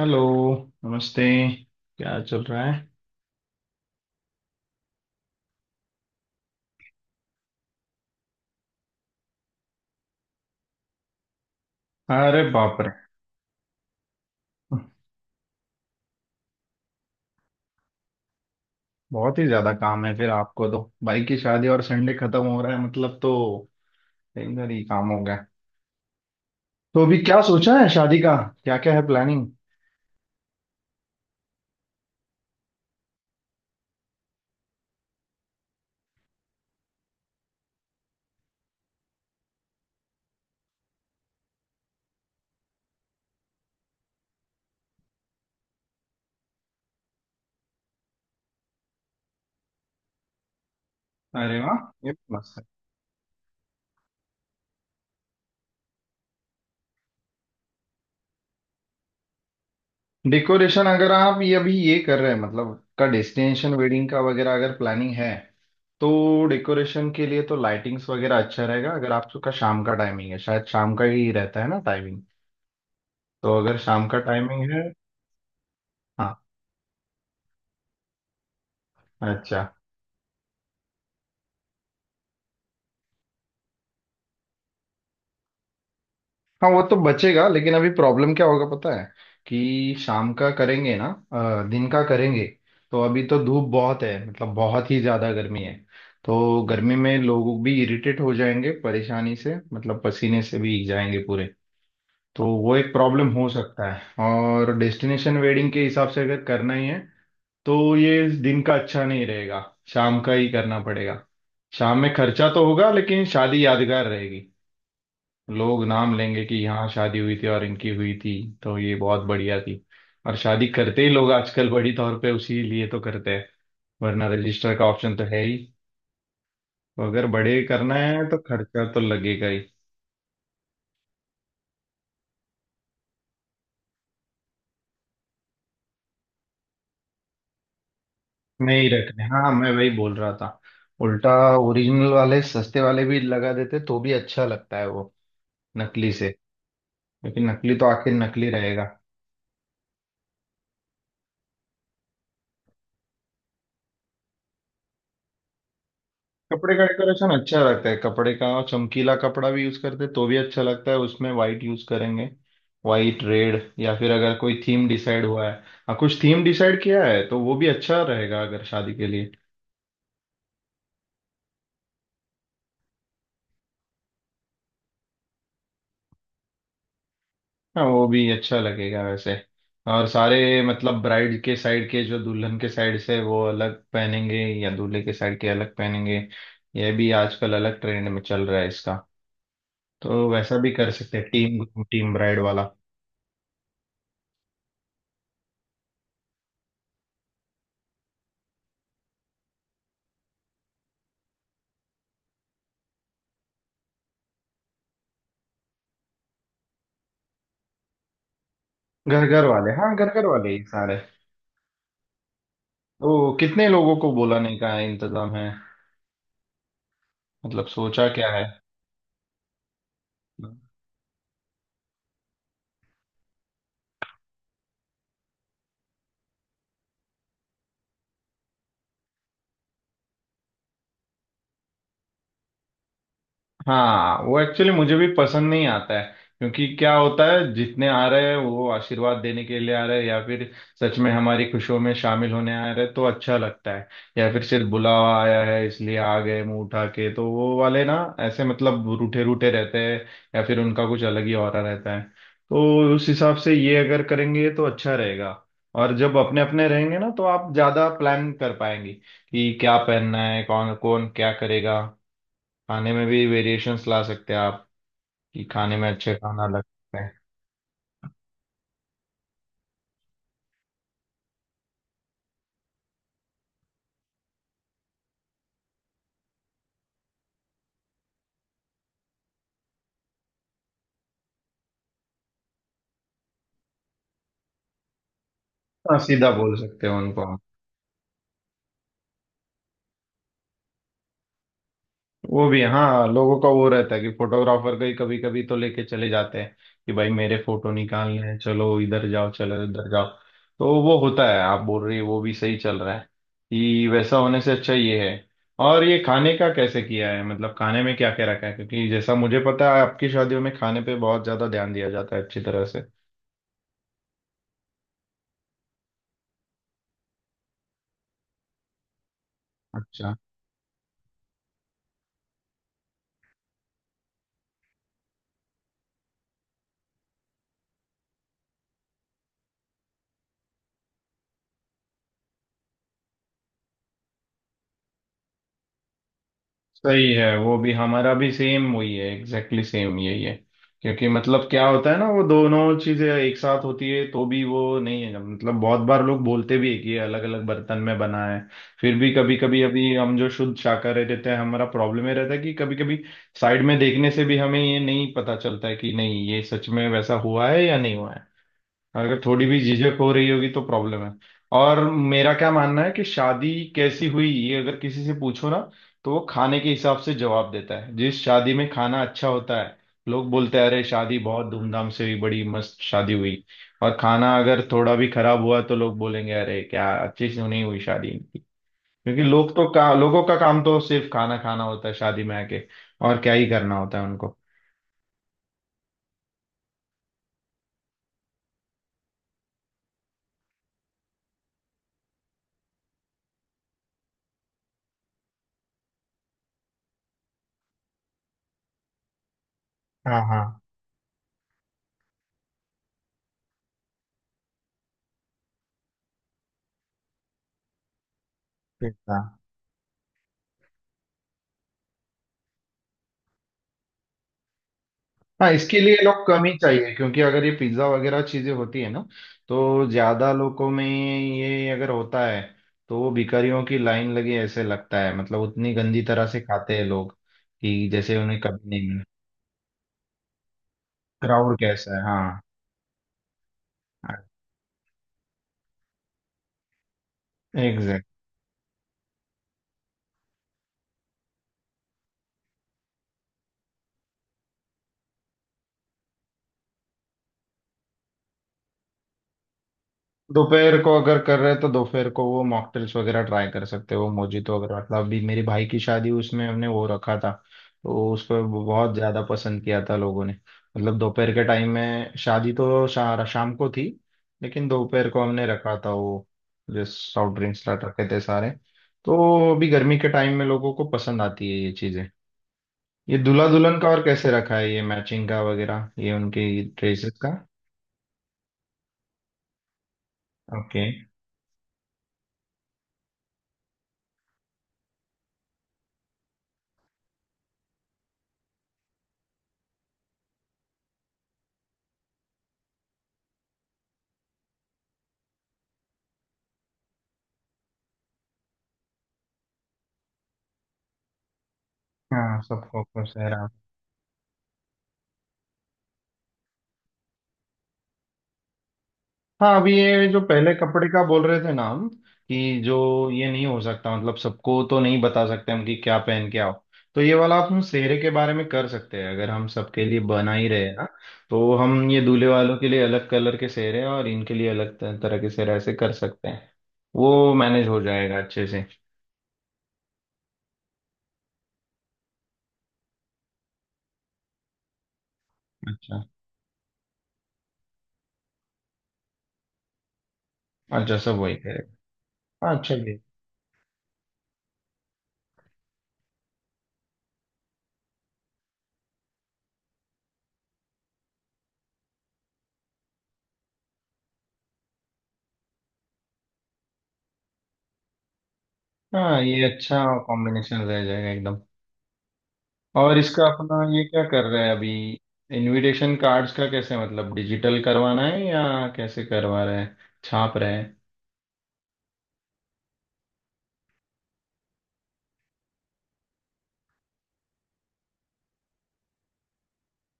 Hello, नमस्ते। क्या चल रहा है? अरे बाप रे! बहुत ही ज्यादा काम है, फिर आपको तो भाई की शादी और संडे खत्म हो रहा है, मतलब तो दिन भर ही काम हो गया। तो अभी क्या सोचा है शादी का, क्या क्या है प्लानिंग? अरे वाह, ये तो मस्त है। डेकोरेशन अगर आप ये अभी ये कर रहे हैं, मतलब का डेस्टिनेशन वेडिंग का वगैरह अगर प्लानिंग है, तो डेकोरेशन के लिए तो लाइटिंग्स वगैरह अच्छा रहेगा। अगर आपका शाम का टाइमिंग है, शायद शाम का ही रहता है ना टाइमिंग, तो अगर शाम का टाइमिंग है। हाँ। अच्छा। हाँ वो तो बचेगा, लेकिन अभी प्रॉब्लम क्या होगा पता है कि शाम का करेंगे ना, दिन का करेंगे, तो अभी तो धूप बहुत है, मतलब बहुत ही ज्यादा गर्मी है। तो गर्मी में लोग भी इरिटेट हो जाएंगे, परेशानी से मतलब पसीने से भीग जाएंगे पूरे। तो वो एक प्रॉब्लम हो सकता है, और डेस्टिनेशन वेडिंग के हिसाब से अगर करना ही है तो ये दिन का अच्छा नहीं रहेगा, शाम का ही करना पड़ेगा। शाम में खर्चा तो होगा लेकिन शादी यादगार रहेगी। लोग नाम लेंगे कि यहाँ शादी हुई थी और इनकी हुई थी तो ये बहुत बढ़िया थी। और शादी करते ही लोग आजकल बड़ी तौर पे उसी लिए तो करते हैं, वरना रजिस्टर का ऑप्शन तो है ही। तो अगर बड़े करना है तो खर्चा तो लगेगा ही। नहीं रखने, हाँ मैं वही बोल रहा था, उल्टा। ओरिजिनल वाले सस्ते वाले भी लगा देते तो भी अच्छा लगता है वो नकली से। क्योंकि नकली तो आखिर नकली रहेगा। कपड़े का डेकोरेशन अच्छा लगता है, कपड़े का, और चमकीला कपड़ा भी यूज करते हैं, तो भी अच्छा लगता है। उसमें वाइट यूज करेंगे, वाइट रेड, या फिर अगर कोई थीम डिसाइड हुआ है। हाँ कुछ थीम डिसाइड किया है तो वो भी अच्छा रहेगा अगर शादी के लिए। हाँ वो भी अच्छा लगेगा वैसे। और सारे मतलब ब्राइड के साइड के, जो दुल्हन के साइड से, वो अलग पहनेंगे या दूल्हे के साइड के अलग पहनेंगे, ये भी आजकल अलग ट्रेंड में चल रहा है इसका। तो वैसा भी कर सकते हैं, टीम टीम ब्राइड वाला। घर घर वाले, हाँ घर घर वाले ही सारे। ओ कितने लोगों को बोला नहीं का है, इंतजाम है, मतलब सोचा क्या है? हाँ वो एक्चुअली मुझे भी पसंद नहीं आता है। क्योंकि क्या होता है, जितने आ रहे हैं वो आशीर्वाद देने के लिए आ रहे हैं या फिर सच में हमारी खुशियों में शामिल होने आ रहे हैं तो अच्छा लगता है। या फिर सिर्फ बुलावा आया है इसलिए आ गए मुंह उठा के, तो वो वाले ना ऐसे मतलब रूठे रूठे रहते हैं, या फिर उनका कुछ अलग ही ऑरा रहता है। तो उस हिसाब से ये अगर करेंगे तो अच्छा रहेगा। और जब अपने अपने रहेंगे ना तो आप ज्यादा प्लान कर पाएंगे कि क्या पहनना है, कौन कौन क्या करेगा। खाने में भी वेरिएशंस ला सकते हैं आप, कि खाने में अच्छे खाना लग सकते हैं। हाँ सीधा बोल सकते हैं उनको हम। वो भी, हाँ, लोगों का वो रहता है कि फोटोग्राफर का ही कभी कभी तो लेके चले जाते हैं कि भाई मेरे फोटो निकालने हैं, चलो इधर जाओ, चलो इधर जाओ। तो वो होता है, आप बोल रही है वो भी सही चल रहा है कि वैसा होने से अच्छा ये है। और ये खाने का कैसे किया है, मतलब खाने में क्या क्या रखा है, क्योंकि जैसा मुझे पता है आपकी शादियों में खाने पे बहुत ज्यादा ध्यान दिया जाता है अच्छी तरह से। अच्छा। सही है, वो भी हमारा भी सेम वही है, एग्जैक्टली सेम यही है। क्योंकि मतलब क्या होता है ना, वो दोनों चीजें एक साथ होती है तो भी वो नहीं है, मतलब बहुत बार लोग बोलते भी है कि ये अलग अलग बर्तन में बना है, फिर भी कभी कभी। अभी हम जो शुद्ध शाकाहारी रहते हैं, हमारा प्रॉब्लम ये रहता है कि कभी कभी साइड में देखने से भी हमें ये नहीं पता चलता है कि नहीं, ये सच में वैसा हुआ है या नहीं हुआ है। अगर थोड़ी भी झिझक हो रही होगी तो प्रॉब्लम है। और मेरा क्या मानना है कि शादी कैसी हुई ये अगर किसी से पूछो ना तो वो खाने के हिसाब से जवाब देता है। जिस शादी में खाना अच्छा होता है, लोग बोलते हैं अरे शादी बहुत धूमधाम से हुई, बड़ी मस्त शादी हुई। और खाना अगर थोड़ा भी खराब हुआ तो लोग बोलेंगे अरे क्या अच्छी से नहीं हुई शादी इनकी। क्योंकि लोग तो का लोगों का काम तो सिर्फ खाना खाना होता है शादी में आके। और क्या ही करना होता है उनको। हाँ हाँ। ठीक था। हाँ इसके लिए लोग कम ही चाहिए, क्योंकि अगर ये पिज्ज़ा वगैरह चीज़ें होती है ना, तो ज़्यादा लोगों में ये अगर होता है तो वो भिखारियों की लाइन लगी ऐसे लगता है, मतलब उतनी गंदी तरह से खाते हैं लोग कि जैसे उन्हें कभी नहीं मिला। क्राउड कैसा है, हाँ। एग्जैक्ट। दोपहर को अगर कर रहे हैं तो दोपहर को वो मॉकटेल्स वगैरह ट्राई कर सकते हो, मोजितो। अगर मतलब अभी मेरे भाई की शादी हुई, उसमें हमने वो रखा था, तो उसको बहुत ज्यादा पसंद किया था लोगों ने। मतलब दोपहर के टाइम में, शादी तो शाम को थी लेकिन दोपहर को हमने रखा था वो, जो सॉफ्ट ड्रिंक्स रखे थे सारे। तो अभी गर्मी के टाइम में लोगों को पसंद आती है ये चीजें। ये दूल्हा दुल्हन का और कैसे रखा है, ये मैचिंग का वगैरह, ये उनकी ड्रेसेस का? ओके। हाँ सबको खुश है। हाँ अभी ये जो पहले कपड़े का बोल रहे थे ना हम, कि जो ये नहीं हो सकता, मतलब सबको तो नहीं बता सकते हम कि क्या पहन के आओ, तो ये वाला हम सेहरे के बारे में कर सकते हैं। अगर हम सबके लिए बना ही रहे हैं ना, तो हम ये दूल्हे वालों के लिए अलग कलर के सेहरे और इनके लिए अलग तरह के सेहरे, ऐसे कर सकते हैं। वो मैनेज हो जाएगा अच्छे से। अच्छा। अच्छा सब वही करेगा। हाँ चलिए। हाँ ये अच्छा कॉम्बिनेशन रह जाएगा एकदम। और इसका अपना ये क्या कर रहे हैं अभी, इनविटेशन कार्ड्स का कैसे, मतलब डिजिटल करवाना है या कैसे करवा रहे हैं, छाप रहे हैं?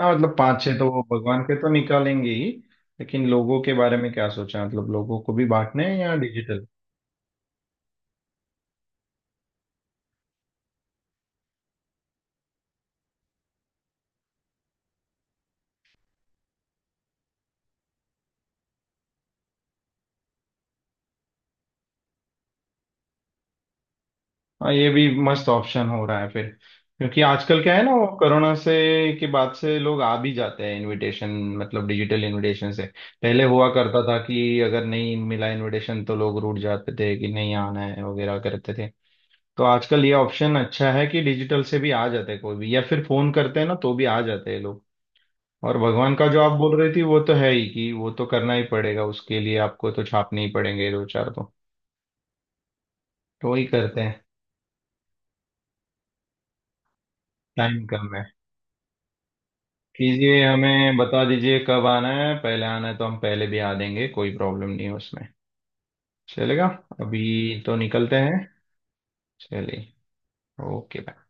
हाँ मतलब पांच छह तो वो भगवान के तो निकालेंगे ही। लेकिन लोगों के बारे में क्या सोचा, मतलब लोगों को भी बांटने हैं या डिजिटल? हाँ ये भी मस्त ऑप्शन हो रहा है फिर। क्योंकि आजकल क्या है ना, वो कोरोना से के बाद से लोग आ भी जाते हैं इनविटेशन, मतलब डिजिटल इनविटेशन से। पहले हुआ करता था कि अगर नहीं मिला इनविटेशन तो लोग रूठ जाते थे, कि नहीं आना है वगैरह करते थे। तो आजकल ये ऑप्शन अच्छा है कि डिजिटल से भी आ जाते हैं कोई भी, या फिर फोन करते हैं ना तो भी आ जाते हैं लोग। और भगवान का जो आप बोल रही थी वो तो है ही, कि वो तो करना ही पड़ेगा, उसके लिए आपको तो छापने ही पड़ेंगे दो चार तो वही करते हैं। टाइम कम है, कीजिए, हमें बता दीजिए कब आना है, पहले आना है तो हम पहले भी आ देंगे, कोई प्रॉब्लम नहीं है उसमें। चलेगा। अभी तो निकलते हैं। चलिए। Okay bye.